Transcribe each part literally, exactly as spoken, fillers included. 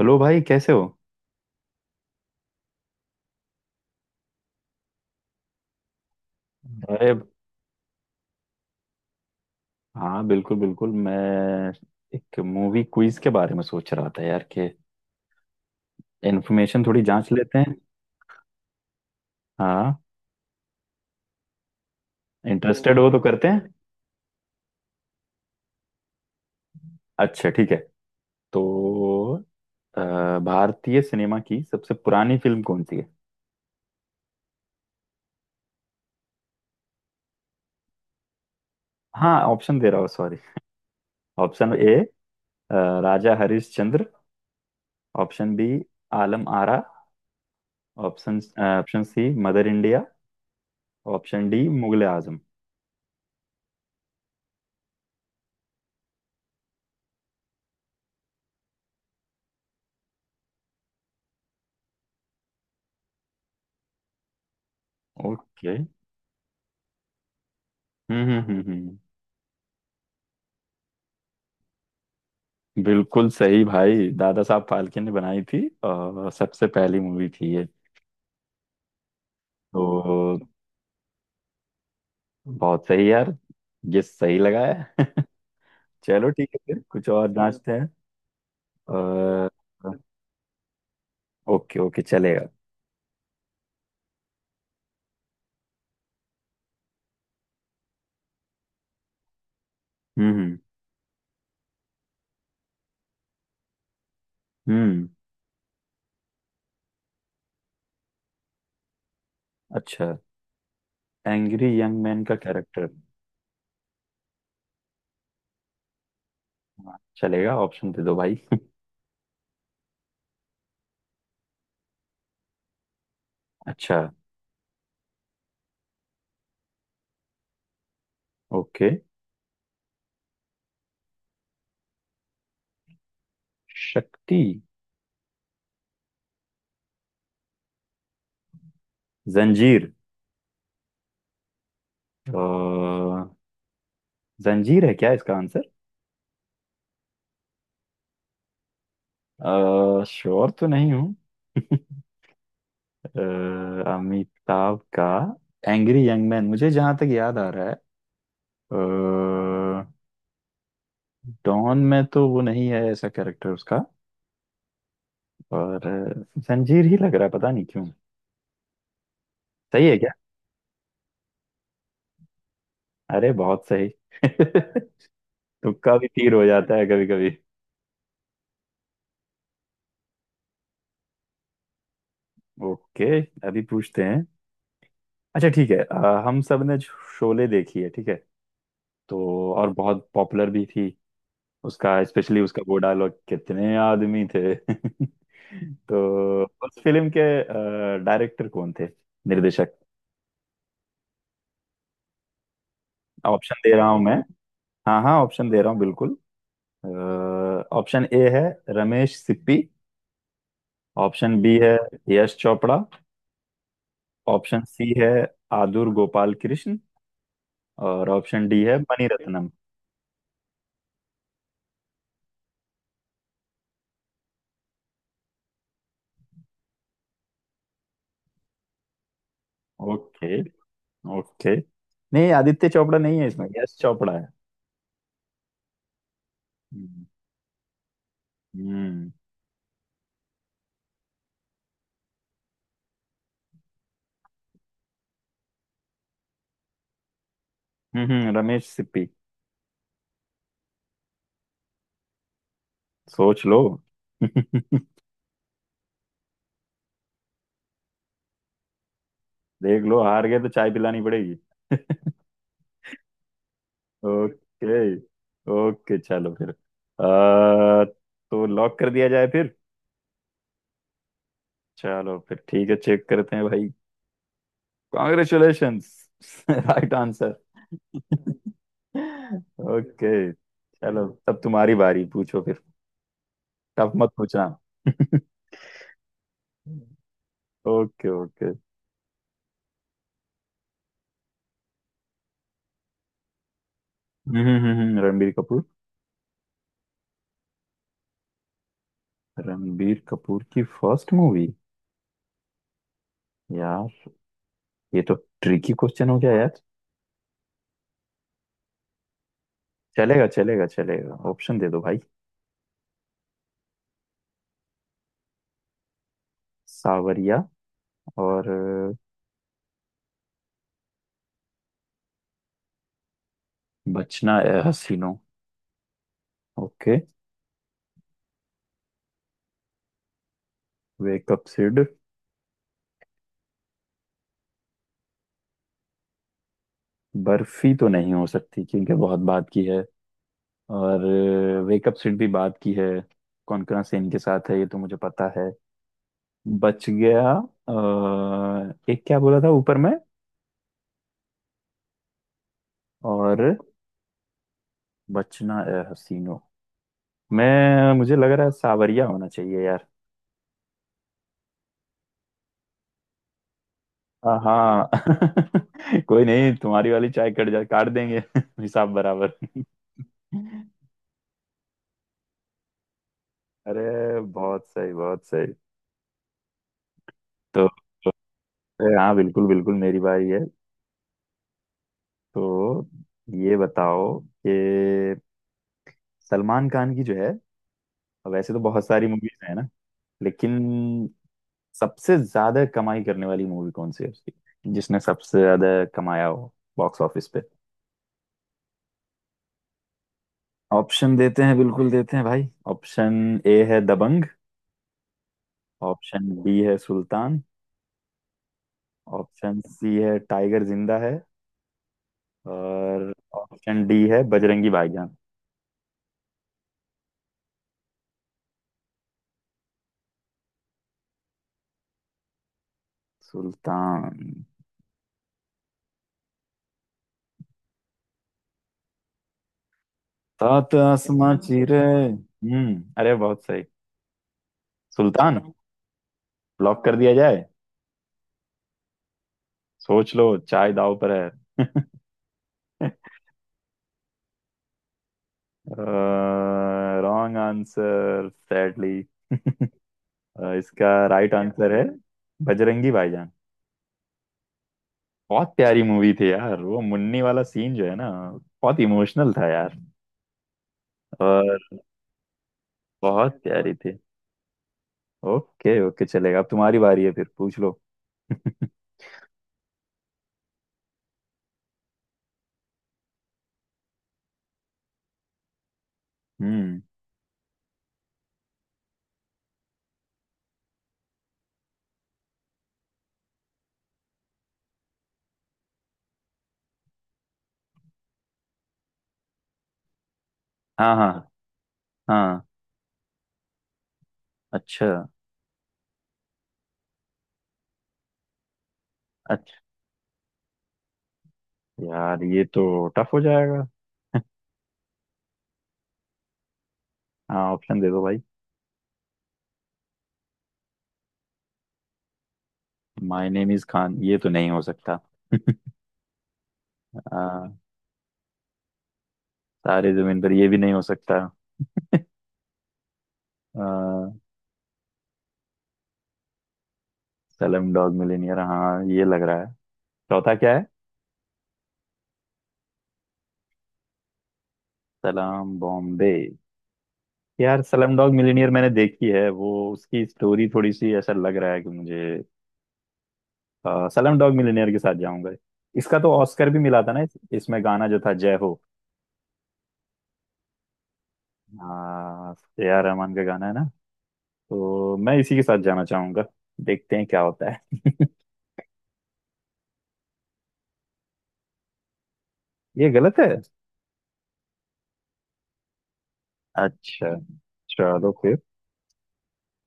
Hello भाई, कैसे हो? अरे हाँ, बिल्कुल बिल्कुल मैं एक मूवी क्विज के बारे में सोच रहा था यार, कि इन्फॉर्मेशन थोड़ी जांच लेते हैं। हाँ, इंटरेस्टेड हो तो करते हैं। अच्छा ठीक है। तो अ, भारतीय सिनेमा की सबसे पुरानी फिल्म कौन सी है? हाँ, ऑप्शन दे रहा हूँ, sorry. Option A, Raja Harishchandra. Option B, Alam Ara. Option option C, Mother India. Option D, Mughal-e Azam. Okay. हम्म, हम्म, हम्म, हम्म। बिल्कुल सही भाई, दादा साहब फाल्के ने बनाई थी। और सबसे पहली मूवी थी ये। तो बहुत सही यार। ये सही लगा है। चलो ठीक है, फिर कुछ और जांचते हैं। और। ओके ओके, चलेगा। हम्म, हम्म, हम्म। अच्छा, एंग्री यंग मैन का कैरेक्टर। हाँ, चलेगा, ऑप्शन दे दो भाई। अच्छा। ओके। शक्ति। जंजीर। अ, जंजीर है क्या इसका आंसर? श्योर तो नहीं हूँ। अ, अमिताभ का एंग्री यंग मैन मुझे जहां तक याद आ रहा है। अ, डॉन में तो वो नहीं है ऐसा कैरेक्टर उसका। और अ, जंजीर ही लग रहा है, पता नहीं क्यों। सही है क्या? अरे बहुत सही। तुक्का भी तीर हो जाता है कभी कभी। ओके, अभी पूछते हैं। अच्छा ठीक है। अ, हम सब ने शोले देखी है, ठीक है। तो और बहुत पॉपुलर भी थी। उसका, स्पेशली उसका वो डायलॉग कितने आदमी थे। तो उस फिल्म के डायरेक्टर कौन थे, निर्देशक? ऑप्शन दे रहा हूं मैं। हाँ हाँ, ऑप्शन दे रहा हूँ बिल्कुल। ऑप्शन ए है रमेश सिप्पी। ऑप्शन बी है यश चोपड़ा। ऑप्शन सी है आदुर गोपाल कृष्ण। और ऑप्शन डी है मणिरत्नम। Okay okay. नहीं, आदित्य चोपड़ा नहीं है इसमें, यश चोपड़ा है। हम्म, हम्म, हम्म, हम्म, रमेश सिप्पी। सोच लो। देख लो, हार गए तो चाय पिलानी पड़ेगी। ओके ओके, चलो फिर। आ, तो लॉक कर दिया जाए फिर। चलो फिर ठीक है, चेक करते हैं भाई। कॉन्ग्रेचुलेशंस। Right answer. ओके। चलो, तब तुम्हारी बारी, पूछो फिर। टफ मत पूछना। Okay okay. हम्म, हम्म, हम्म, हम्म, रणबीर कपूर। रणबीर कपूर की फर्स्ट मूवी। यार, ये तो ट्रिकी क्वेश्चन हो गया यार। चलेगा चलेगा चलेगा, ऑप्शन दे दो भाई। सावरिया। और अ, Bachna Ae Haseeno. Okay. Wake up Sid. Barfi तो नहीं हो सकती, क्योंकि बहुत बात की है। और वेकअप सिड भी बात की है। कौनकना सेन के साथ है, ये तो मुझे पता है। बच गया। अ, एक क्या बोला था ऊपर में। और बचना ए हसीनों। मैं मुझे लग रहा है सावरिया होना चाहिए यार। हाँ। कोई नहीं, तुम्हारी वाली चाय कट जा, काट देंगे। हिसाब बराबर। अरे बहुत सही, बहुत सही। तो, अरे हाँ, बिल्कुल बिल्कुल मेरी बारी है। तो ये बताओ, कि सलमान खान की जो है, वैसे तो बहुत सारी मूवीज है ना, लेकिन सबसे ज्यादा कमाई करने वाली मूवी कौन सी है उसकी, जिसने सबसे ज्यादा कमाया हो बॉक्स ऑफिस पे। ऑप्शन देते हैं, बिल्कुल देते हैं भाई। ऑप्शन ए है दबंग। ऑप्शन बी है सुल्तान। ऑप्शन सी है टाइगर जिंदा है। और ऑप्शन डी है बजरंगी भाईजान। सुल्तान। सात आसमां चीरे, हम्म अरे बहुत सही। सुल्तान लॉक कर दिया जाए। सोच लो, चाय दाव पर है। Wrong answer sadly. इसका राइट आंसर है बजरंगी भाईजान। बहुत प्यारी मूवी थी यार, वो मुन्नी वाला सीन जो है ना। बहुत इमोशनल था यार। और बहुत प्यारी थी। ओके ओके, चलेगा। अब तुम्हारी बारी है, फिर पूछ लो। हम्म। हाँ, हाँ, हाँ। अच्छा, अच्छा। यार, ये तो टफ हो जाएगा। हाँ, ऑप्शन दे दो भाई। माय नेम इज खान, ये तो नहीं हो सकता। आ, सारे जमीन पर, ये भी नहीं हो सकता। आ, सलम डॉग मिलियनेयर, हाँ ये लग रहा है। चौथा क्या है? सलाम बॉम्बे। यार, सलम डॉग मिलियनेयर मैंने देखी है, वो उसकी स्टोरी थोड़ी सी ऐसा लग रहा है कि मुझे। अ, सलाम डॉग मिलियनेयर के साथ जाऊंगा। इसका तो ऑस्कर भी मिला था ना, इस, इसमें गाना जो था जय हो। हाँ, ए आर रहमान का गाना है ना। तो मैं इसी के साथ जाना चाहूंगा। देखते हैं क्या होता है। ये गलत है। अच्छा, चलो फिर।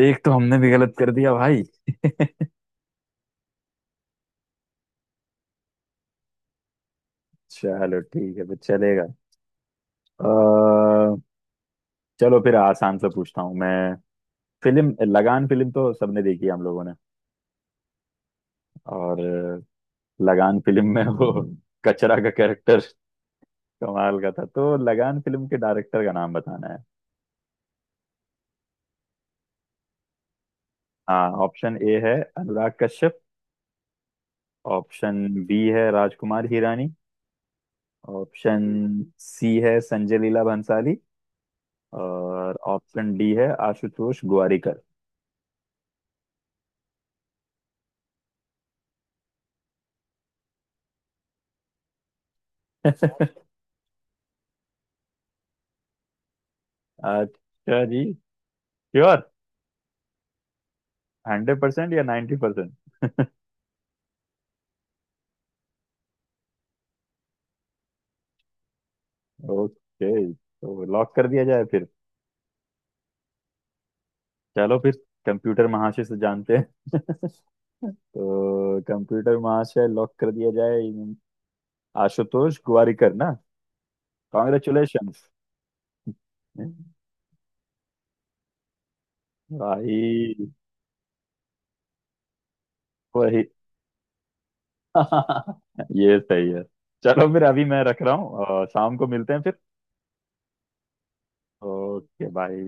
एक तो हमने भी गलत कर दिया भाई। चलो ठीक है, फिर चलेगा। अ, चलो फिर आसान से पूछता हूँ मैं। फिल्म लगान, फिल्म तो सबने देखी है हम लोगों ने। और लगान फिल्म में वो कचरा का कैरेक्टर कमाल का था, तो लगान फिल्म के डायरेक्टर का नाम बताना है। हाँ, ऑप्शन ए है अनुराग कश्यप। ऑप्शन बी है राजकुमार हिरानी। ऑप्शन सी है संजय लीला भंसाली। और ऑप्शन डी है आशुतोष गोवारिकर। अच्छा जी, श्योर। हंड्रेड परसेंट या नाइन्टी परसेंट? ओके। तो लॉक कर दिया जाए फिर। चलो फिर, कंप्यूटर महाशय से जानते हैं। तो कंप्यूटर महाशय, लॉक कर दिया जाए। आशुतोष गोवारिकर ना। कॉन्ग्रेचुलेशंस भाई। वही। ये सही है। चलो फिर अभी मैं रख रहा हूँ, अ, शाम को मिलते हैं फिर। Okay, bye.